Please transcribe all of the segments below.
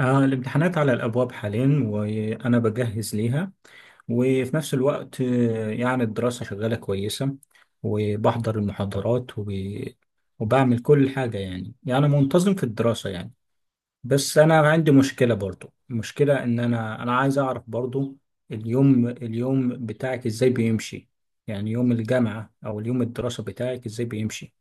الامتحانات على الأبواب حاليا، وأنا بجهز ليها. وفي نفس الوقت يعني الدراسة شغالة كويسة، وبحضر المحاضرات وبعمل كل حاجة، يعني منتظم في الدراسة يعني. بس أنا عندي مشكلة، برضو المشكلة إن أنا عايز أعرف برضو اليوم بتاعك إزاي بيمشي، يعني يوم الجامعة أو اليوم الدراسة بتاعك إزاي بيمشي.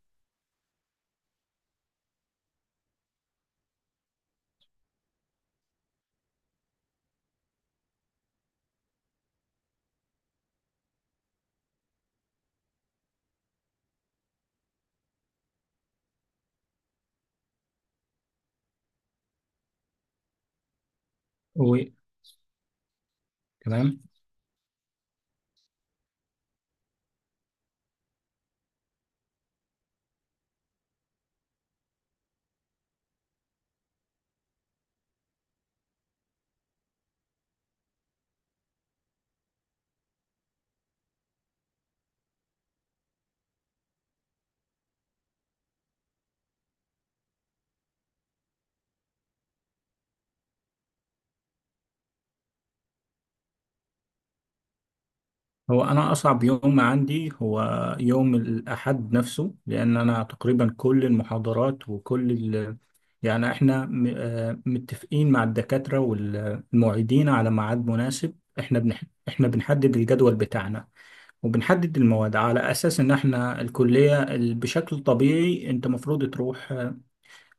و... تمام. هو أنا أصعب يوم عندي هو يوم الأحد نفسه، لأن أنا تقريبا كل المحاضرات وكل يعني إحنا م... آه، متفقين مع الدكاترة والمعيدين على ميعاد مناسب. إحنا إحنا بنحدد الجدول بتاعنا، وبنحدد المواد على أساس إن إحنا الكلية بشكل طبيعي أنت مفروض تروح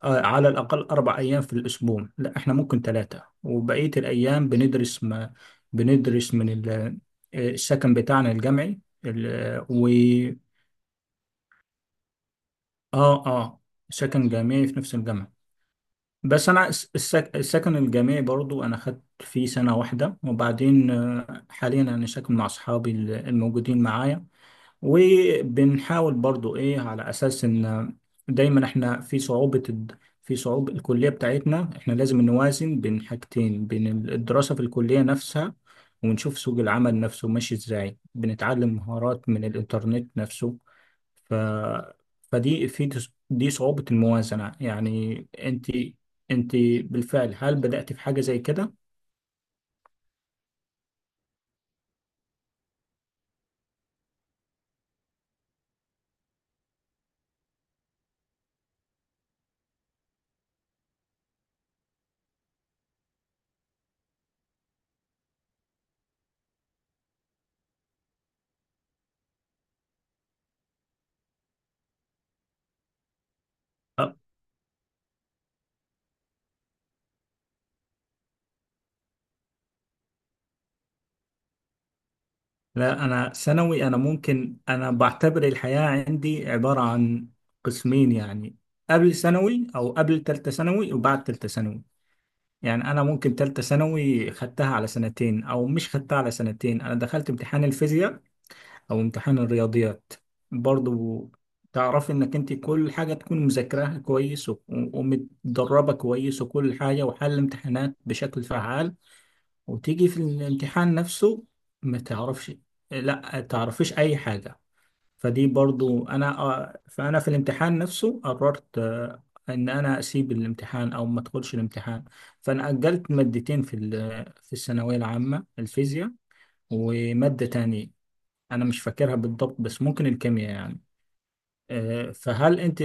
على الأقل 4 أيام في الأسبوع. لا، إحنا ممكن ثلاثة، وبقية الأيام بندرس ما بندرس من السكن بتاعنا الجامعي، ال- آه، و آه آه، سكن جامعي في نفس الجامعة. بس أنا السكن الجامعي برضو، أنا خدت فيه سنة واحدة، وبعدين حاليا أنا ساكن مع أصحابي الموجودين معايا. وبنحاول برضو ايه، على اساس ان دايما احنا في في صعوبة الكلية بتاعتنا، احنا لازم نوازن بين حاجتين: بين الدراسة في الكلية نفسها، ونشوف سوق العمل نفسه ماشي ازاي. بنتعلم مهارات من الانترنت نفسه. ف... فدي في دي صعوبة الموازنة. يعني انت بالفعل هل بدأت في حاجة زي كده؟ لا، أنا ثانوي، أنا ممكن أنا بعتبر الحياة عندي عبارة عن قسمين يعني: قبل ثانوي أو قبل تالتة ثانوي، وبعد تالتة ثانوي. يعني أنا ممكن تالتة ثانوي خدتها على سنتين أو مش خدتها على سنتين. أنا دخلت امتحان الفيزياء أو امتحان الرياضيات برضو. تعرف إنك أنت كل حاجة تكون مذاكراها كويس ومتدربة كويس وكل حاجة، وحل امتحانات بشكل فعال، وتيجي في الامتحان نفسه ما تعرفش، لا تعرفيش اي حاجة. فدي برضو انا، فانا في الامتحان نفسه قررت ان انا اسيب الامتحان او ما ادخلش الامتحان. فانا اجلت مادتين في في الثانوية العامة: الفيزياء ومادة تانية انا مش فاكرها بالضبط، بس ممكن الكيمياء يعني. آه، فهل انت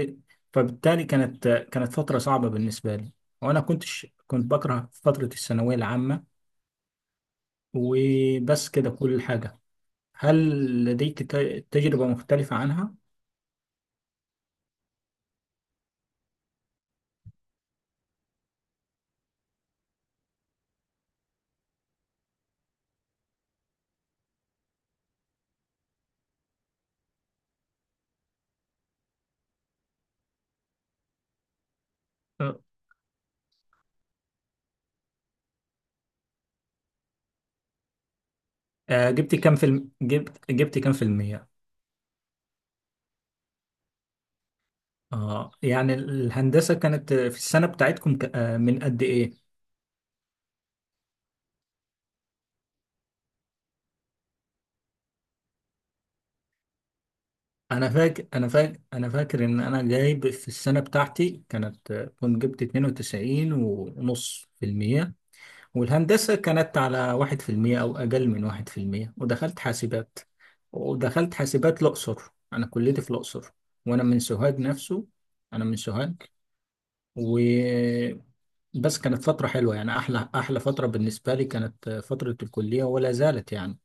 فبالتالي كانت فترة صعبة بالنسبة لي، وانا كنتش كنت بكره فترة الثانوية العامة. وبس كده كل حاجة. هل لديك تجربة مختلفة عنها؟ آه. جبت كام في جبت كام في المية؟ اه، يعني الهندسة كانت في السنة بتاعتكم ك... آه، من قد ايه؟ انا فاكر ان انا جايب في السنة بتاعتي، كانت كنت جبت 92 ونص في المية. والهندسة كانت على واحد في المية او اقل من واحد في المية، ودخلت حاسبات، ودخلت حاسبات الاقصر. انا كليتي في الاقصر، وانا من سوهاج نفسه. انا من سوهاج وبس. كانت فترة حلوة، يعني أحلى أحلى فترة بالنسبة لي كانت فترة الكلية، ولا زالت يعني.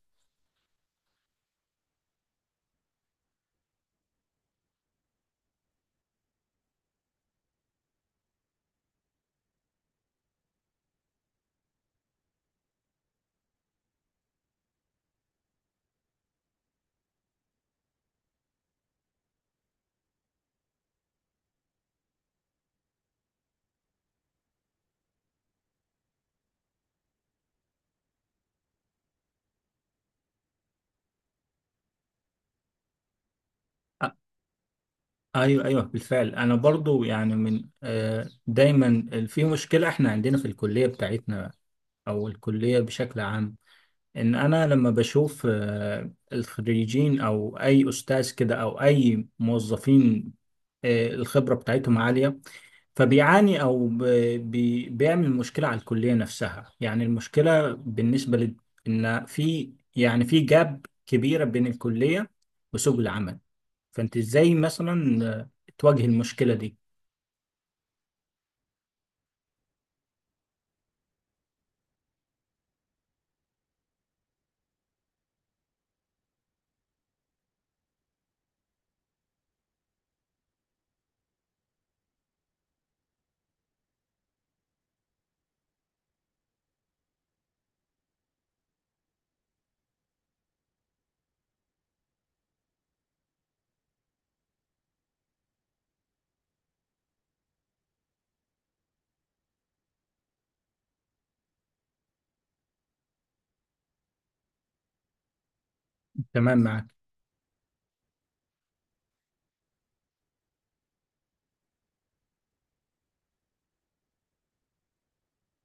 أ- أيوه، أيوه، بالفعل. أنا برضو يعني من دايما في مشكلة. إحنا عندنا في الكلية بتاعتنا أو الكلية بشكل عام، إن أنا لما بشوف الخريجين أو أي أستاذ كده أو أي موظفين، الخبرة بتاعتهم عالية، فبيعاني بيعمل مشكله على الكليه نفسها. يعني المشكله بالنسبه ان في، يعني في جاب كبيره بين الكليه وسوق العمل. فانت ازاي مثلا تواجه المشكله دي؟ تمام، معاك.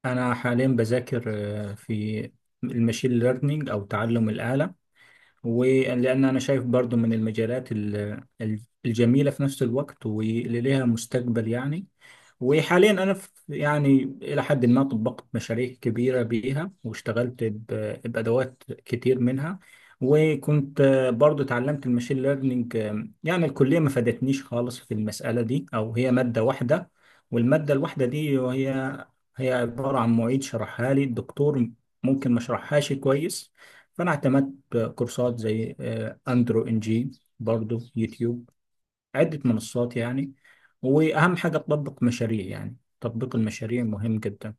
انا حاليا بذاكر في المشين ليرنينج او تعلم الاله، ولأن أنا شايف برضو من المجالات الجميلة في نفس الوقت، واللي ليها مستقبل يعني. وحاليا أنا في يعني إلى حد ما طبقت مشاريع كبيرة بيها، واشتغلت بأدوات كتير منها. وكنت برضو اتعلمت الماشين ليرنينج. يعني الكلية ما فادتنيش خالص في المسألة دي، أو هي مادة واحدة، والمادة الواحدة دي هي عبارة عن معيد شرحها لي الدكتور، ممكن ما شرحهاش كويس. فأنا اعتمدت كورسات زي اندرو ان جي، برضو يوتيوب، عدة منصات يعني. واهم حاجة تطبق مشاريع، يعني تطبيق المشاريع مهم جدا.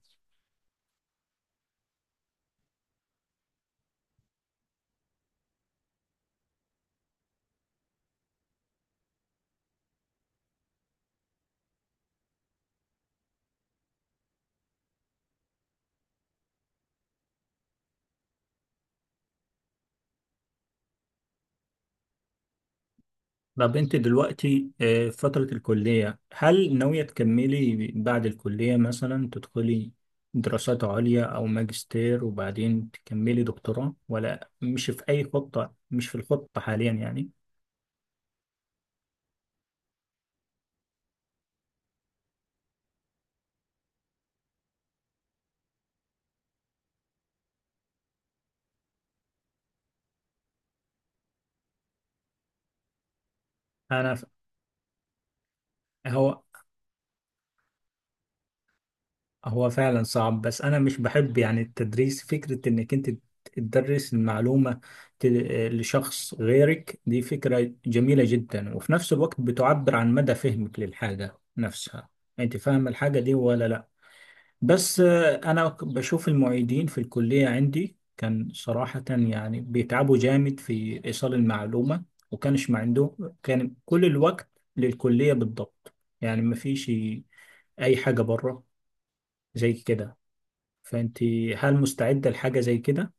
طب انت دلوقتي في فترة الكلية، هل ناوية تكملي بعد الكلية مثلا تدخلي دراسات عليا او ماجستير، وبعدين تكملي دكتوراه، ولا مش في اي خطة؟ مش في الخطة حاليا يعني. انا ف- هو هو فعلا صعب، بس انا مش بحب يعني التدريس. فكرة انك انت تدرس المعلومة ت- لشخص غيرك، دي فكرة جميلة جدا، وفي نفس الوقت بتعبر عن مدى فهمك للحاجة نفسها. انت فاهم الحاجة دي ولا لا. بس انا بشوف المعيدين في الكلية عندي، كان صراحة يعني بيتعبوا جامد في ايصال المعلومة. وكانش ما عندهم كان كل الوقت للكلية بالضبط، يعني ما فيش اي حاجة بره زي كده. فانت هل مستعدة لحاجة زي كده؟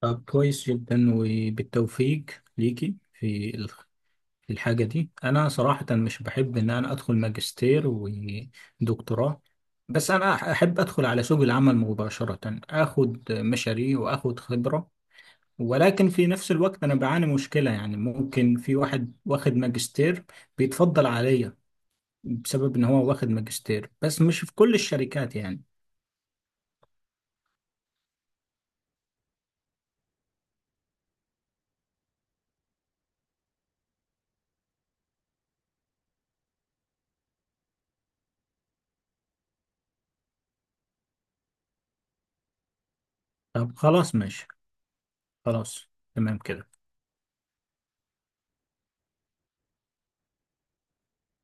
طب كويس جدا، وبالتوفيق ليكي في في الحاجة دي. أنا صراحة مش بحب إن أنا أدخل ماجستير ودكتوراه، بس أنا أحب أدخل على سوق العمل مباشرة، أخد مشاريع وأخد خبرة. ولكن في نفس الوقت أنا بعاني مشكلة، يعني ممكن في واحد واخد ماجستير بيتفضل عليا بسبب إن هو واخد ماجستير، بس مش في كل الشركات يعني. طب خلاص، ماشي. خلاص. تمام كده.